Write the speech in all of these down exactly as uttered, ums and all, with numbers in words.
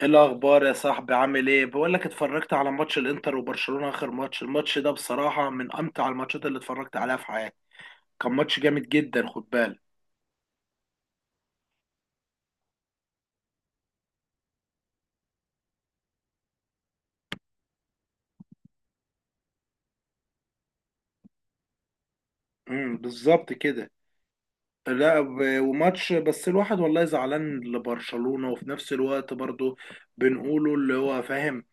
ايه الاخبار يا صاحبي؟ عامل ايه؟ بقول لك، اتفرجت على ماتش الانتر وبرشلونة، اخر ماتش. الماتش ده بصراحة من امتع الماتشات اللي اتفرجت عليها في حياتي. كان ماتش جامد جدا، خد بالك. امم بالظبط كده. لا، ب- وماتش بس، الواحد والله زعلان لبرشلونة، وفي نفس الوقت برضه بنقوله اللي هو فاهم.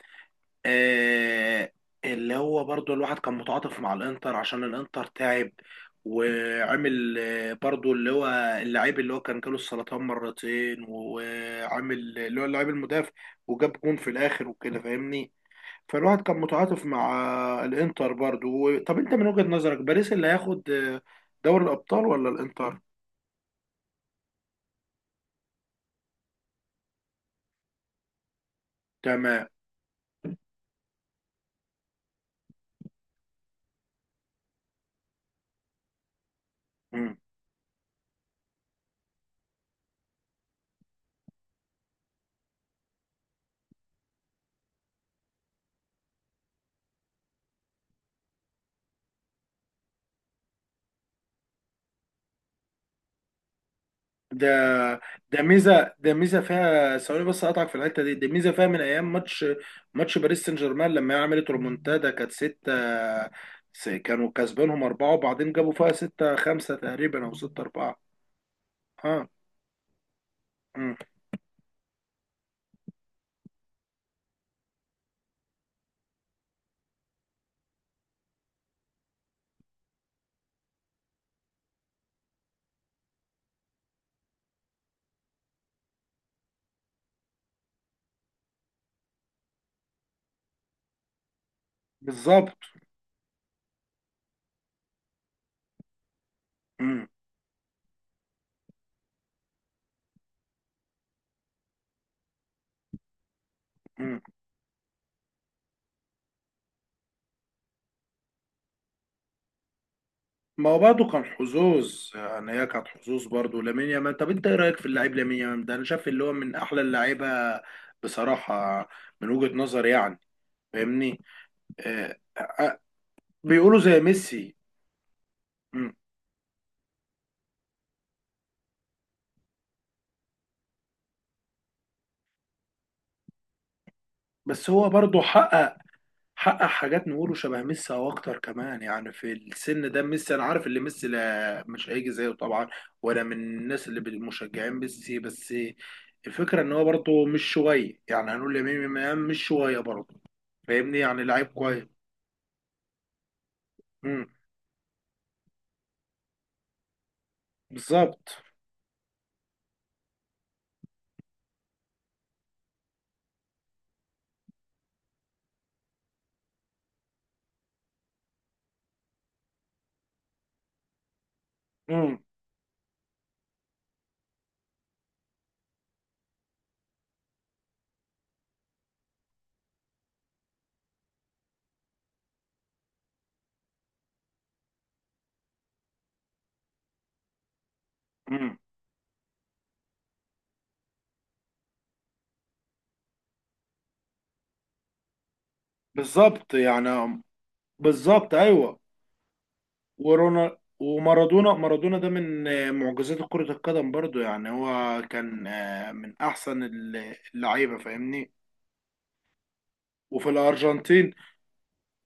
آه. اللي هو برضو الواحد كان متعاطف مع الانتر، عشان الانتر تعب وعمل، آه، برضو اللي هو اللعيب اللي هو كان جاله السرطان مرتين، وعامل اللي هو اللاعب المدافع وجاب جون في الاخر وكده، فاهمني؟ فالواحد كان متعاطف مع آه، الانتر برضو. طب انت من وجهة نظرك باريس اللي هياخد آه، دوري الابطال، ولا الانتر؟ تمام. مم. ده ده ميزه، ده ميزه فيها، ثواني بس اقطعك في الحته دي، ده ميزه فيها من ايام ماتش ماتش باريس سان جيرمان، لما هي عملت رومونتادا، كانت ستة، س- كانوا كسبانهم أربعة، وبعدين جابوا فيها ستة خمسة تقريبا، أو ستة أربعة. اه. مم. بالظبط. مم. مم. ما هو برضه كان حظوظ، يعني هي كانت حظوظ برضه لامين يامال. طب انت ايه رايك في اللاعب لامين يامال ده؟ انا شايف اللي هو من احلى اللعيبه بصراحه، من وجهه نظري يعني، فاهمني؟ آه آه، آه، بيقولوا زي ميسي. مم. بس هو برضه حقق حقق حاجات نقوله شبه ميسي او اكتر كمان، يعني في السن ده ميسي. انا عارف ان ميسي، لا، مش هيجي زيه طبعا، ولا من الناس اللي مشجعين ميسي، بس الفكره ان هو برضه مش شويه. يعني هنقول لامين يامال مش شويه برضه، فاهمني؟ يعني لعيب كويس. مم. بالظبط. مم. مم. بالظبط يعني. بالظبط ايوه. ورونا ومارادونا. مارادونا ده من آه، معجزات كرة القدم برضو، يعني هو كان آه، من أحسن ال- اللعيبة، فاهمني؟ وفي الأرجنتين،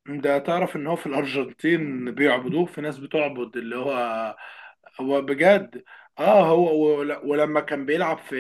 ده تعرف إن هو في الأرجنتين بيعبدوه؟ في ناس بتعبد اللي هو هو بجد. اه، هو ول- ولما كان بيلعب في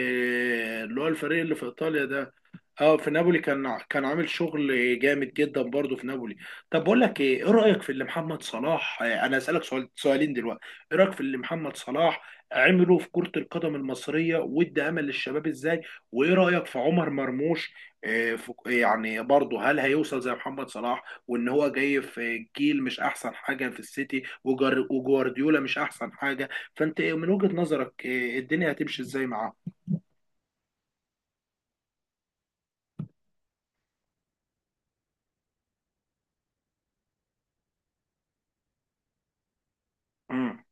اللي هو الفريق اللي في إيطاليا ده، اه في نابولي، كان ع- كان عامل شغل جامد جدا برضه في نابولي. طب بقول لك ايه ايه رايك في اللي محمد صلاح؟ آه، انا اسالك سؤال سؤالين دلوقتي، ايه رايك في اللي محمد صلاح عمله في كره القدم المصريه، وادى امل للشباب ازاي؟ وايه رايك في عمر مرموش؟ آه، في- يعني برضه هل هيوصل زي محمد صلاح؟ وان هو جاي في جيل، مش احسن حاجه في السيتي، وجار- وجوارديولا مش احسن حاجه. فانت إيه من وجهه نظرك آه، الدنيا هتمشي ازاي معاه؟ امم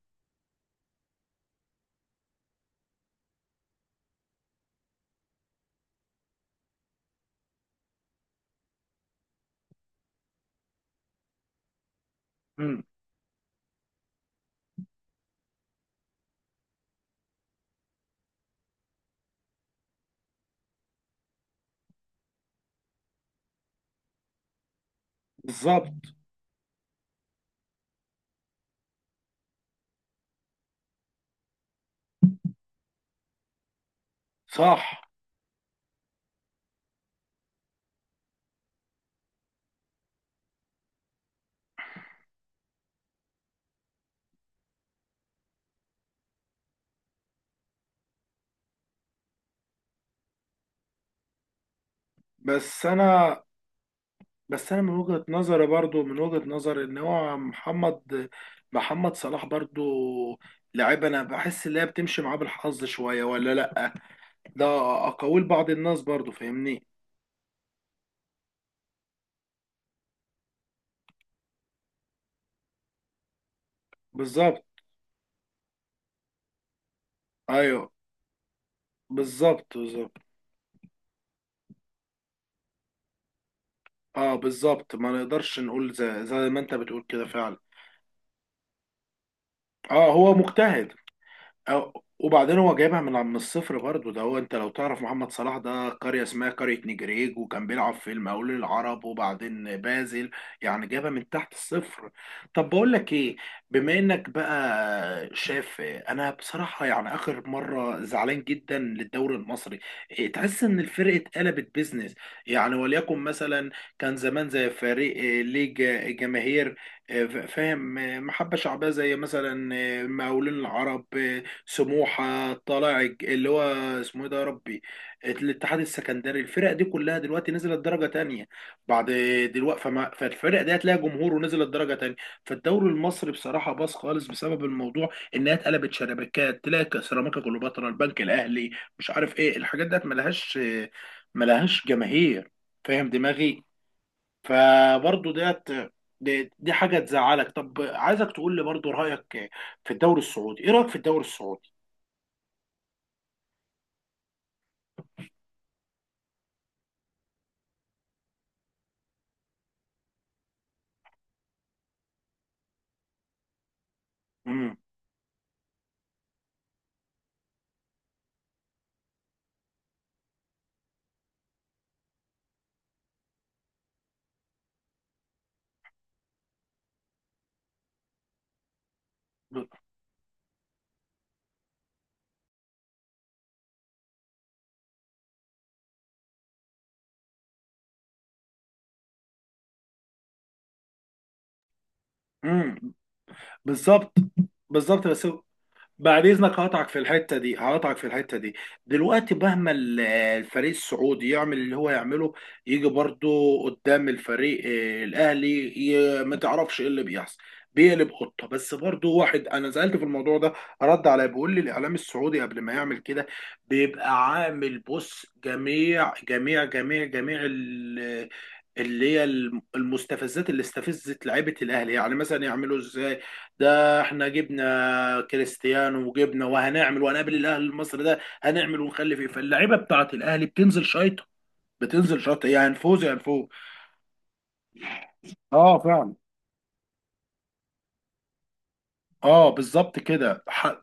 امم، بالظبط. صح. بس انا، بس انا من وجهة نظري برضو، من وجهة نظري ان هو محمد محمد صلاح برضو لعيب، انا بحس ان هي بتمشي معاه بالحظ شوية، ولا لا؟ ده اقاويل بعض الناس برضو، فاهمني؟ بالظبط ايوه. بالظبط، بالظبط. اه بالظبط، ما نقدرش نقول زي, زي ما انت بتقول كده فعلا. اه، هو مجتهد. أو وبعدين هو جايبها من من الصفر برضه، ده هو انت لو تعرف، محمد صلاح ده قرية اسمها قرية نجريج، وكان بيلعب في المقاولون العرب وبعدين بازل، يعني جابها من تحت الصفر. طب بقول لك ايه؟ بما انك بقى شاف، انا بصراحة يعني اخر مرة زعلان جدا للدوري المصري. إيه، تحس ان الفرق اتقلبت بيزنس، يعني، وليكن مثلا كان زمان زي فريق آه، ليه جا- جماهير، آه، ف- فاهم، آه، محبة شعبية، زي مثلا آه، مقاولون العرب، آه، سموحة، طلائع اللي هو اسمه ايه ده يا ربي، الاتحاد السكندري. الفرق دي كلها دلوقتي نزلت درجة تانية. بعد، دلوقتي فما، فالفرق دي هتلاقي جمهور، ونزلت درجة تانية. فالدوري المصري بصراحة باظ خالص بسبب الموضوع انها اتقلبت شبكات. تلاقي سيراميكا كليوباترا، البنك الاهلي، مش عارف ايه، الحاجات ديت ملهاش ملهاش جماهير، فاهم دماغي؟ فبرضه ديت، دي, دي حاجة تزعلك. طب عايزك تقول لي برضه رأيك في الدوري السعودي، ايه رأيك في الدوري السعودي؟ امم ب- امم بالظبط. بالظبط بس، بعد اذنك هقطعك في الحته دي، هقطعك في الحته دي. دلوقتي مهما ال- الفريق السعودي يعمل اللي هو يعمله، يجي برضو قدام الفريق آه، الاهلي، ي- ما تعرفش ايه اللي بيحصل، بيقلب قطه. بس برضو واحد انا سالت في الموضوع ده، رد عليا بيقول لي الاعلام السعودي قبل ما يعمل كده بيبقى عامل، بص، جميع جميع جميع جميع ال- اللي هي الم- المستفزات اللي استفزت لعيبه الاهلي، يعني مثلا يعملوا ازاي؟ ده احنا جبنا كريستيانو وجبنا، وهنعمل وهنقابل الاهلي المصري ده، هنعمل ونخلي فيه. فاللعيبه بتاعت الاهلي بتنزل شايطه، بتنزل شايطه، يا هنفوز يا هنفوز. اه فعلا. اه بالظبط كده، ح-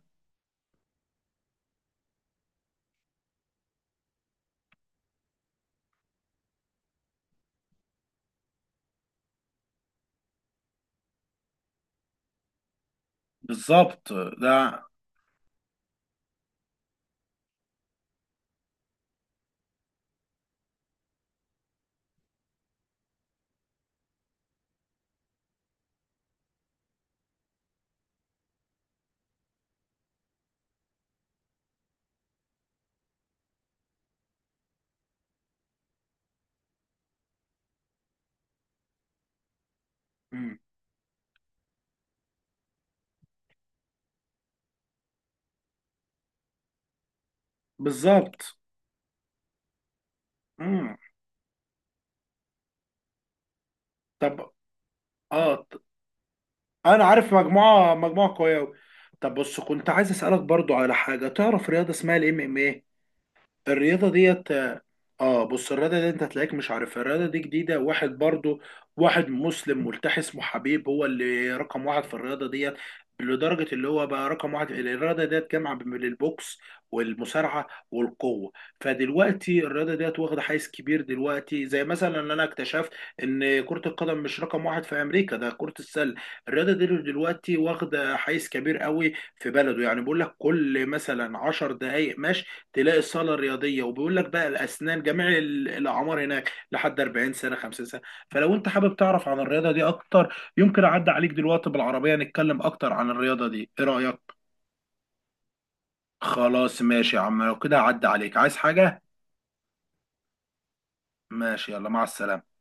بالظبط. ده. مم. بالظبط. مم. طب، اه، ط- انا عارف مجموعه، مجموعه قويه أوي. طب بص، كنت عايز اسالك برضو على حاجه، تعرف رياضه اسمها الام ام ايه؟ الرياضة ديت. اه. آه، بص الرياضة دي انت هتلاقيك مش عارفها، الرياضة دي جديدة. واحد برضو، واحد مسلم ملتحي اسمه حبيب هو اللي رقم واحد في الرياضة ديت، لدرجة اللي هو بقى رقم واحد. الرياضة ديت جامعة بين البوكس والمصارعة والقوة. فدلوقتي الرياضة ديت واخدة حيز كبير دلوقتي، زي مثلا ان انا اكتشفت ان كرة القدم مش رقم واحد في امريكا، ده كرة السلة. الرياضة دي دلوقتي واخدة حيز كبير قوي في بلده، يعني بقول لك كل مثلا عشر دقايق مشي تلاقي الصاله الرياضيه، وبيقول لك بقى الاسنان، جميع ال- الاعمار هناك، لحد أربعين سنه، خمسين سنه. فلو انت حابب تعرف عن الرياضه دي اكتر، يمكن اعدي عليك دلوقتي بالعربيه، نتكلم اكتر عن الرياضه دي، ايه رايك؟ خلاص ماشي يا عم، لو كده اعدي عليك، عايز حاجه؟ ماشي يلا، مع السلامه.